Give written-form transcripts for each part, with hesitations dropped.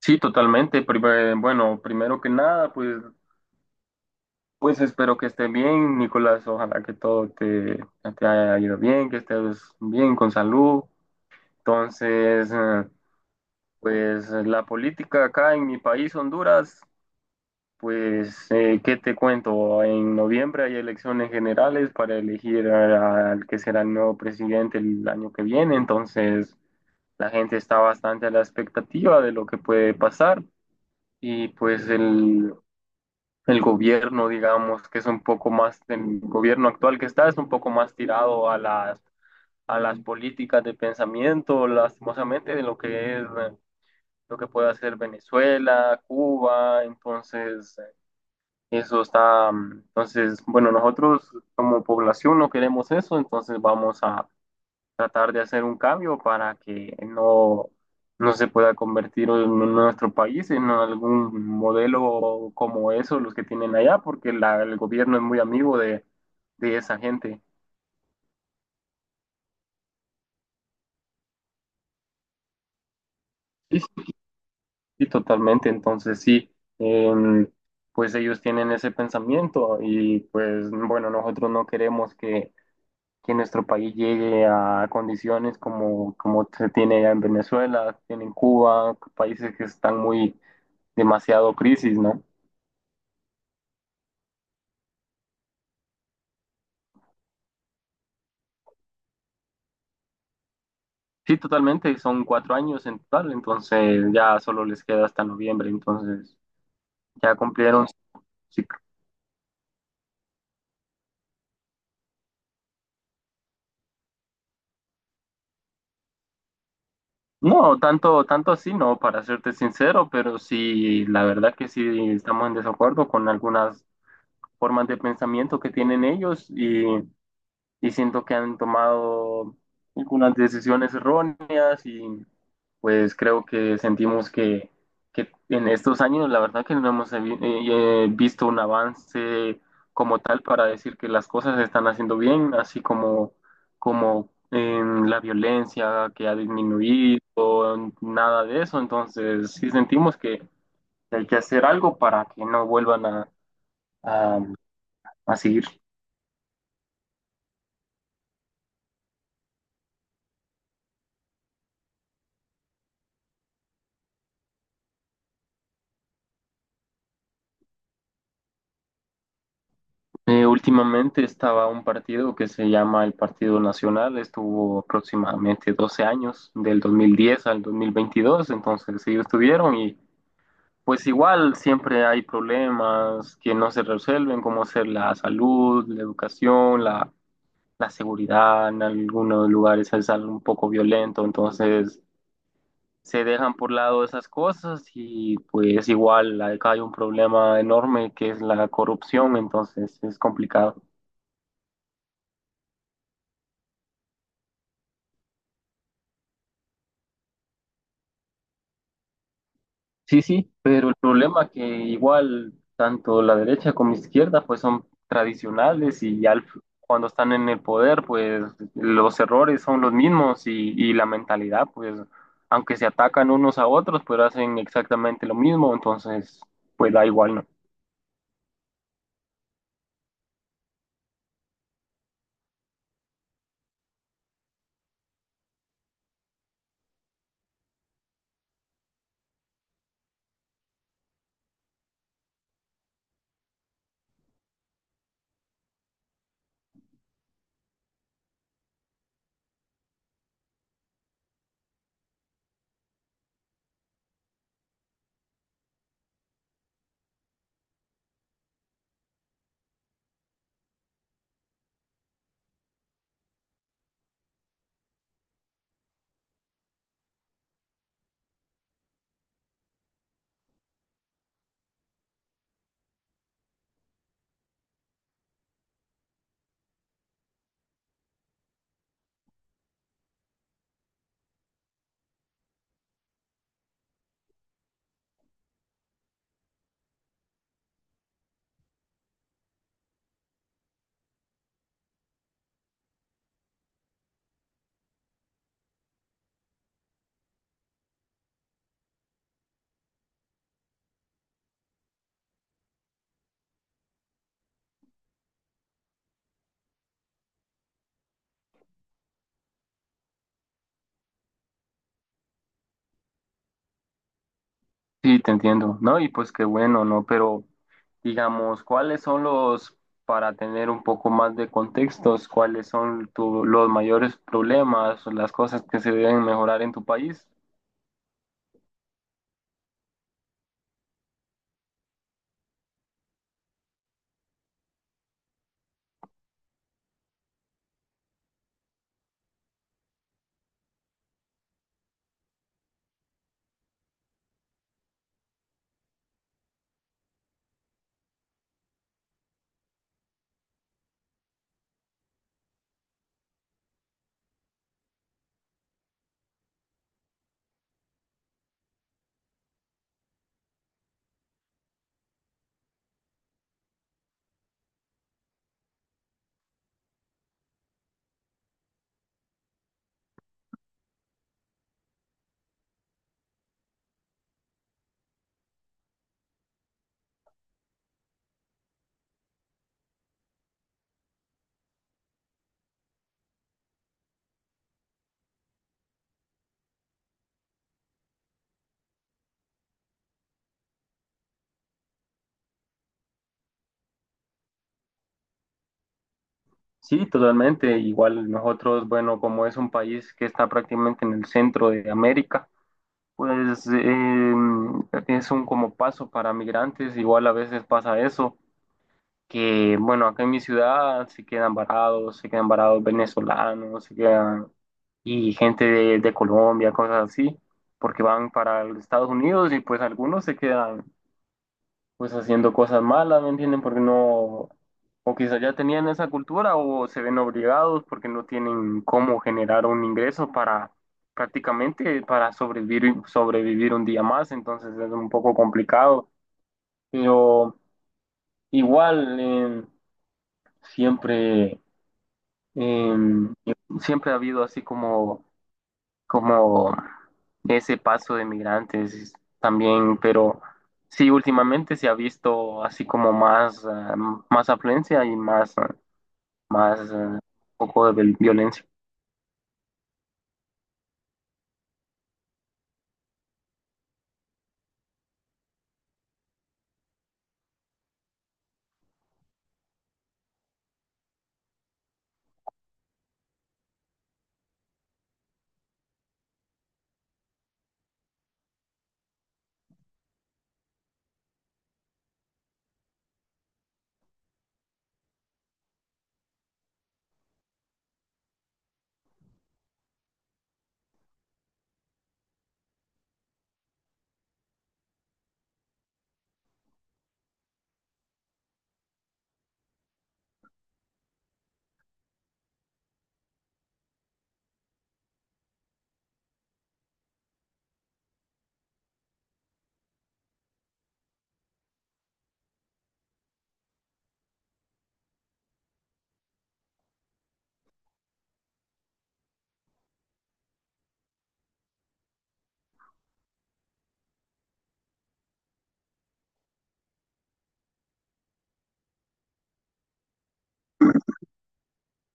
Sí, totalmente. Primero que nada, pues espero que estés bien, Nicolás. Ojalá que todo te haya ido bien, que estés bien con salud. Entonces, pues la política acá en mi país, Honduras, pues, ¿qué te cuento? En noviembre hay elecciones generales para elegir al que será el nuevo presidente el año que viene. Entonces, la gente está bastante a la expectativa de lo que puede pasar. Y pues el... el gobierno, digamos, que es un poco más, el gobierno actual que está es un poco más tirado a a las políticas de pensamiento, lastimosamente, de lo que es, lo que puede hacer Venezuela, Cuba. Eso está, entonces, bueno, nosotros como población no queremos eso, entonces vamos a tratar de hacer un cambio para que no se pueda convertir en nuestro país en algún modelo como eso, los que tienen allá, porque el gobierno es muy amigo de esa gente. Sí, sí, sí, totalmente. Entonces, sí, em, pues ellos tienen ese pensamiento y pues bueno, nosotros no queremos que nuestro país llegue a condiciones como, como se tiene allá en Venezuela, tiene en Cuba, países que están muy demasiado crisis, ¿no? Sí, totalmente, y son 4 años en total, entonces ya solo les queda hasta noviembre. Entonces ya cumplieron su ciclo. No, tanto, tanto así no, para serte sincero, pero sí, la verdad que sí estamos en desacuerdo con algunas formas de pensamiento que tienen y siento que han tomado algunas decisiones erróneas y pues creo que sentimos que en estos años la verdad que no hemos visto un avance como tal para decir que las cosas se están haciendo bien, así como, como en la violencia que ha disminuido, nada de eso. Entonces sí sentimos que hay que hacer algo para que no vuelvan a, a seguir. Últimamente estaba un partido que se llama el Partido Nacional, estuvo aproximadamente 12 años, del 2010 al 2022. Entonces ellos estuvieron y pues igual siempre hay problemas que no se resuelven, como ser la salud, la educación, la seguridad, en algunos lugares es algo un poco violento, entonces se dejan por lado esas cosas y pues igual acá hay un problema enorme que es la corrupción, entonces es complicado. Sí, sí, pero el problema que igual tanto la derecha como izquierda pues son tradicionales y cuando están en el poder pues los errores son los y la mentalidad pues aunque se atacan unos a otros pues hacen exactamente lo mismo, entonces pues da igual, ¿no? Sí, te entiendo, ¿no? Y pues qué bueno, ¿no? Pero digamos, para tener un poco más de contextos, los mayores problemas o las cosas que se deben mejorar en tu país? Sí, totalmente. Igual nosotros, bueno, como es un país que está prácticamente en el centro de América, pues es un como paso para migrantes. Igual a veces pasa eso, que bueno, acá en mi ciudad se quedan varados venezolanos, se quedan y gente de Colombia, cosas así, porque van para los Estados Unidos y pues algunos se quedan pues haciendo cosas malas, ¿me entienden? Porque no, o quizás ya tenían esa cultura o se ven obligados porque no tienen cómo generar un ingreso para prácticamente para sobrevivir, sobrevivir un día más, entonces es un poco complicado, pero igual siempre, eh, siempre ha habido así como como ese paso de migrantes también, pero sí, últimamente se ha visto así como más, más afluencia y más, más ah, poco de violencia.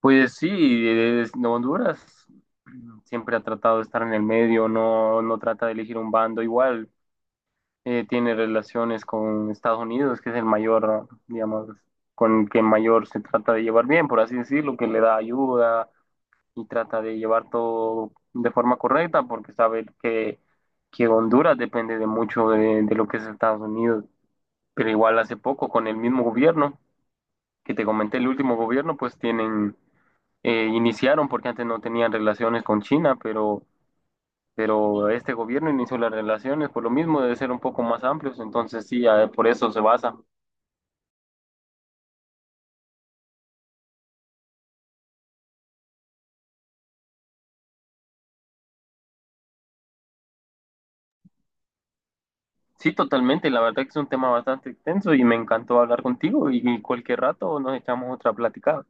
Pues sí, Honduras siempre ha tratado de estar en el medio, no, no trata de elegir un bando igual. Tiene relaciones con Estados Unidos, que es el mayor, digamos, con el que mayor se trata de llevar bien, por así decirlo, que le da ayuda y trata de llevar todo de forma correcta porque sabe que Honduras depende de mucho de lo que es Estados Unidos. Pero igual hace poco con el mismo gobierno que te comenté, el último gobierno, pues tienen, iniciaron porque antes no tenían relaciones con China, pero este gobierno inició las relaciones por lo mismo de ser un poco más amplios, entonces sí, por eso se basa. Sí, totalmente, la verdad que es un tema bastante extenso y me encantó hablar contigo y cualquier rato nos echamos otra platicada.